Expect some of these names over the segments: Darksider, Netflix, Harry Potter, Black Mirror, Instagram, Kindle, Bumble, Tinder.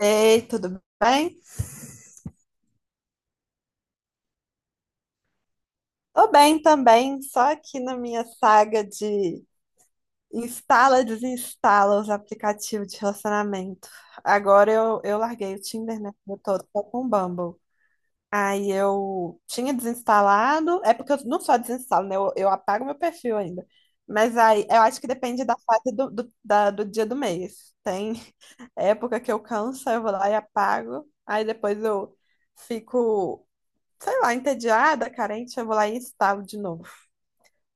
Ei, tudo bem? Tô bem também, só aqui na minha saga de instala e desinstala os aplicativos de relacionamento. Agora eu larguei o Tinder, né? Eu tô com o Bumble. Aí eu tinha desinstalado, é porque eu não só desinstalo, né? Eu apago meu perfil ainda. Mas aí eu acho que depende da fase do dia do mês. Tem época que eu canso, aí eu vou lá e apago, aí depois eu fico. Sei lá, entediada, carente, eu vou lá e instalo de novo.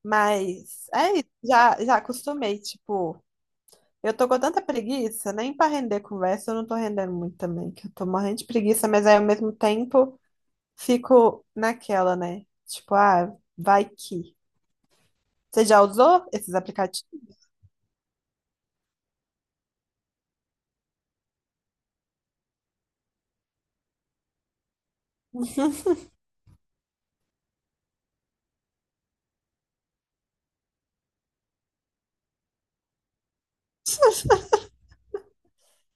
Mas é isso, já acostumei, tipo, eu tô com tanta preguiça, nem pra render conversa, eu não tô rendendo muito também, que eu tô morrendo de preguiça, mas aí ao mesmo tempo fico naquela, né? Tipo, ah, vai que. Você já usou esses aplicativos?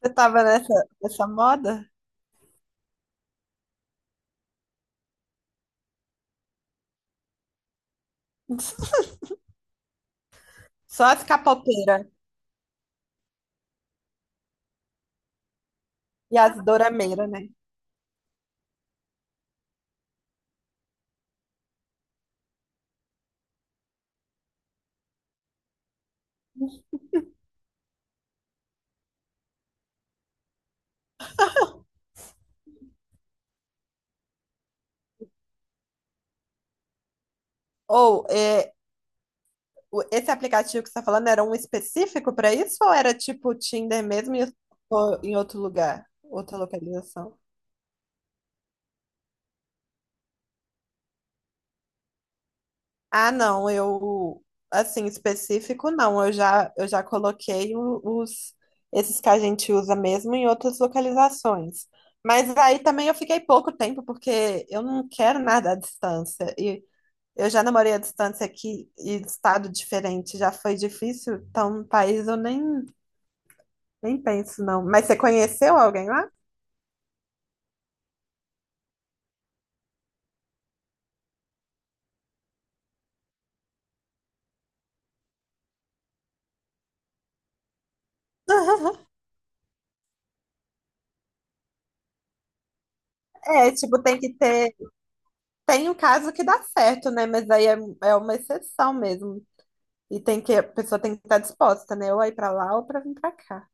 Você tava nessa moda? Só as capopeiras e as dorameiras, né? Ou é, esse aplicativo que você está falando era um específico para isso ou era tipo Tinder mesmo e ou em outro lugar, outra localização? Ah, não, eu assim específico não, eu já coloquei os esses que a gente usa mesmo em outras localizações. Mas aí também eu fiquei pouco tempo porque eu não quero nada à distância e eu já namorei à distância aqui em estado diferente, já foi difícil, então no país eu nem penso não. Mas você conheceu alguém lá? É, tipo, tem que ter. Tem um caso que dá certo, né? Mas aí é, é uma exceção mesmo. E tem que, a pessoa tem que estar disposta, né? Ou a ir pra lá ou pra vir pra cá.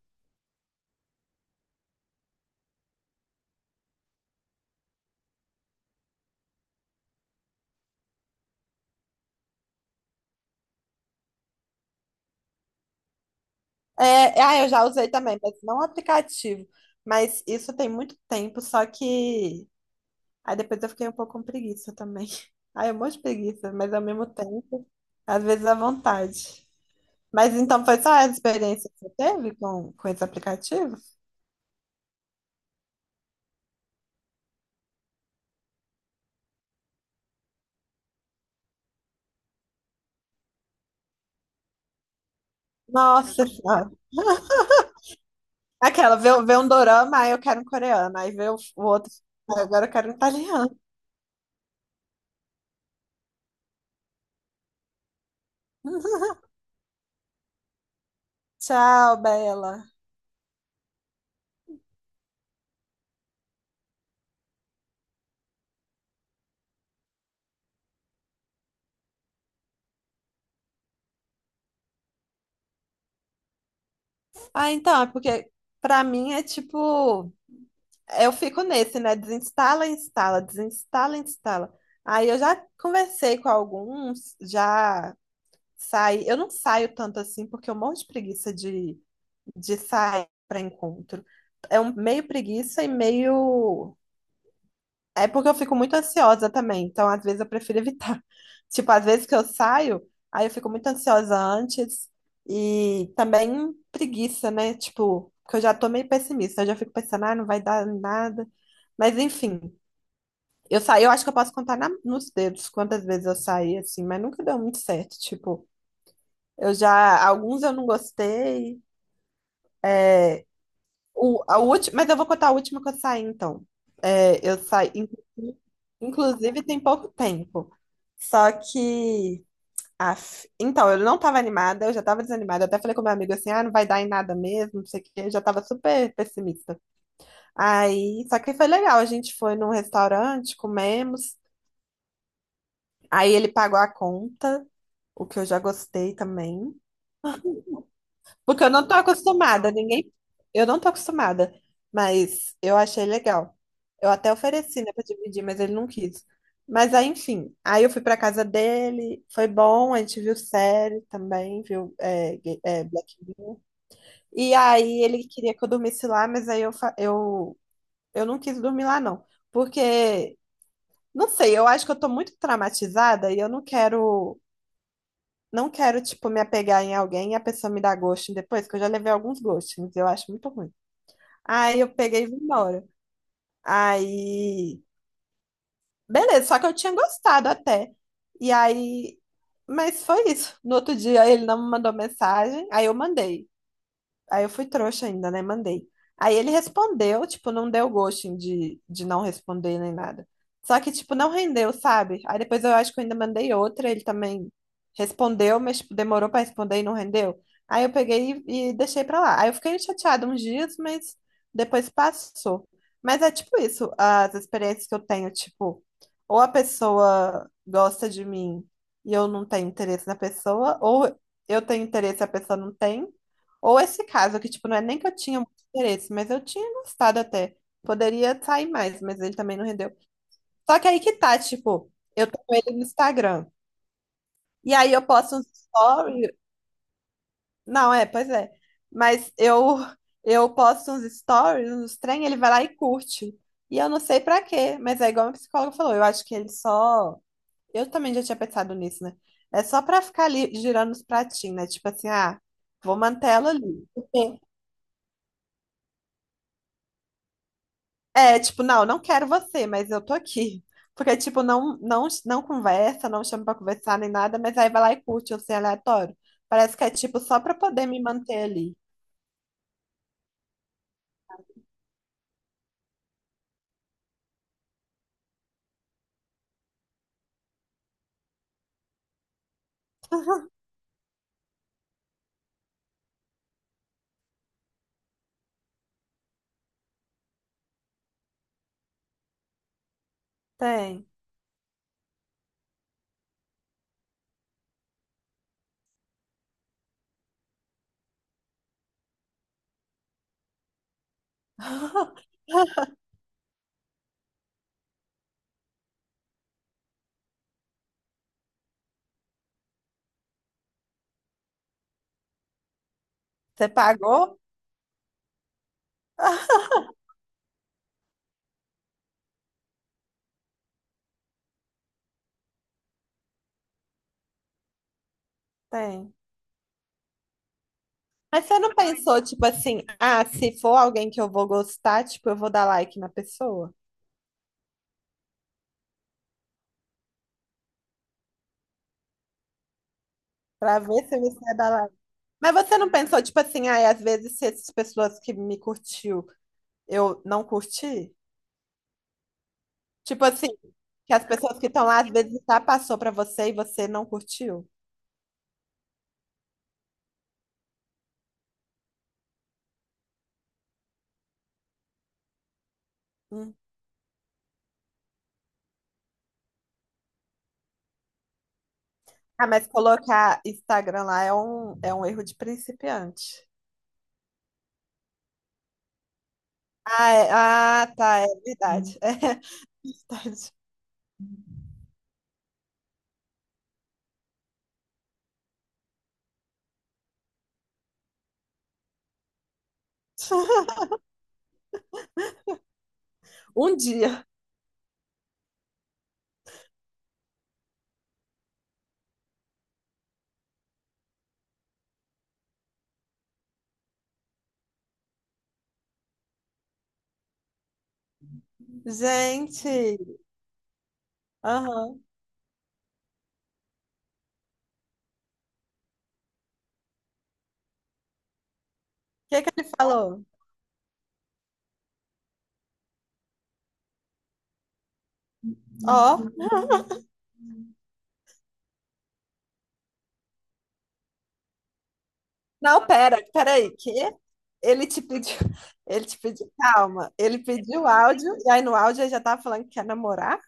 Eu já usei também, mas não aplicativo. Mas isso tem muito tempo, só que. Aí depois eu fiquei um pouco com preguiça também. Ai, é um monte de preguiça, mas ao mesmo tempo, às vezes à vontade. Mas então foi só essa experiência que você teve com esse aplicativo? Nossa Senhora! Aquela, vê um dorama, aí eu quero um coreano. Aí vê o outro, "Ah, agora eu quero um italiano." Tchau, Bela. Ah, então, é porque pra mim é tipo, eu fico nesse, né? Desinstala, instala, desinstala, instala. Aí eu já conversei com alguns, já saí. Eu não saio tanto assim porque eu morro de preguiça de sair pra encontro. É um meio preguiça e meio. É porque eu fico muito ansiosa também, então às vezes eu prefiro evitar. Tipo, às vezes que eu saio, aí eu fico muito ansiosa antes e também preguiça, né? Tipo, que eu já tô meio pessimista, eu já fico pensando, ah, não vai dar nada. Mas enfim, eu saí, eu acho que eu posso contar nos dedos quantas vezes eu saí assim, mas nunca deu muito certo. Tipo, eu já, alguns eu não gostei. É, o, a última, mas eu vou contar a última que eu saí, então. É, eu saí. Inclusive, tem pouco tempo. Só que. Af, então, eu não estava animada, eu já estava desanimada. Eu até falei com meu amigo assim: ah, não vai dar em nada mesmo, não sei o quê. Eu já estava super pessimista. Aí, só que foi legal. A gente foi num restaurante, comemos. Aí ele pagou a conta, o que eu já gostei também. Porque eu não tô acostumada, ninguém. Eu não tô acostumada, mas eu achei legal. Eu até ofereci, né, pra dividir, mas ele não quis. Mas aí, enfim, aí eu fui pra casa dele, foi bom, a gente viu série também, viu é, Black Mirror. E aí ele queria que eu dormisse lá, mas aí eu não quis dormir lá, não. Porque, não sei, eu acho que eu tô muito traumatizada e eu não quero. Não quero, tipo, me apegar em alguém e a pessoa me dar ghosting depois, que eu já levei alguns ghostings, eu acho muito ruim. Aí eu peguei e vim embora. Aí, beleza, só que eu tinha gostado até. E aí, mas foi isso. No outro dia ele não me mandou mensagem, aí eu mandei. Aí eu fui trouxa ainda, né? Mandei. Aí ele respondeu, tipo, não deu gosto de não responder nem nada. Só que, tipo, não rendeu, sabe? Aí depois eu acho que eu ainda mandei outra, ele também respondeu, mas, tipo, demorou pra responder e não rendeu. Aí eu peguei e deixei pra lá. Aí eu fiquei chateada uns dias, mas depois passou. Mas é tipo isso, as experiências que eu tenho, tipo, ou a pessoa gosta de mim e eu não tenho interesse na pessoa, ou eu tenho interesse e a pessoa não tem. Ou esse caso, que, tipo, não é nem que eu tinha muito interesse, mas eu tinha gostado até. Poderia sair mais, mas ele também não rendeu. Só que aí que tá, tipo, eu tô com ele no Instagram. E aí eu posto uns stories. Não, é, pois é. Mas eu posto uns stories, uns trem, ele vai lá e curte. E eu não sei pra quê, mas é igual a psicóloga falou, eu acho que ele só. Eu também já tinha pensado nisso, né? É só pra ficar ali girando os pratinhos, né? Tipo assim, ah, vou manter ela ali. Porque é, tipo, não, não quero você, mas eu tô aqui. Porque, tipo, não conversa, não chama pra conversar nem nada, mas aí vai lá e curte, assim, aleatório. Parece que é, tipo, só pra poder me manter ali. Tem. Você pagou? Tem. Mas você não pensou, tipo assim, ah, se for alguém que eu vou gostar, tipo, eu vou dar like na pessoa? Pra ver se você vai dar like. Mas você não pensou, tipo assim, ah, às vezes se essas pessoas que me curtiu, eu não curti? Tipo assim, que as pessoas que estão lá às vezes já passou pra você e você não curtiu. Hum. Ah, mas colocar Instagram lá é um erro de principiante. Tá, é verdade. É verdade. Um dia. Gente, aham. O que que ele falou? Ó, não, pera, peraí, que ele te pediu, ele te pediu calma, ele pediu áudio, e aí no áudio ele já tava falando que quer namorar.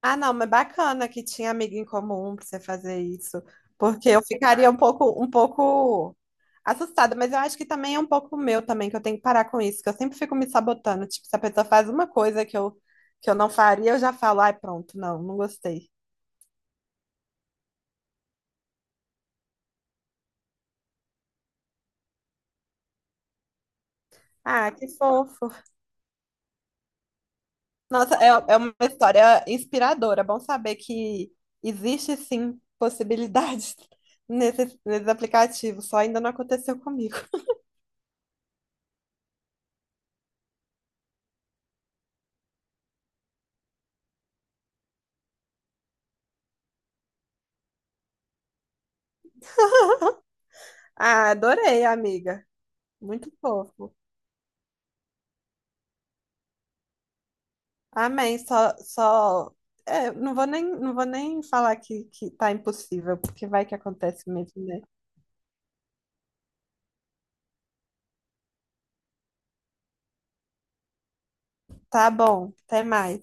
Ah, não, mas bacana que tinha amigo em comum pra você fazer isso. Porque eu ficaria um pouco assustada, mas eu acho que também é um pouco meu também, que eu tenho que parar com isso, que eu sempre fico me sabotando. Tipo, se a pessoa faz uma coisa que eu não faria, eu já falo, ai, pronto, não, não gostei. Ah, que fofo. Nossa, é, é uma história inspiradora. É bom saber que existe sim possibilidades nesses aplicativos, só ainda não aconteceu comigo. Ah, adorei, amiga. Muito fofo. Amém. Só... é, não vou nem falar que tá impossível, porque vai que acontece mesmo, né? Tá bom, até mais.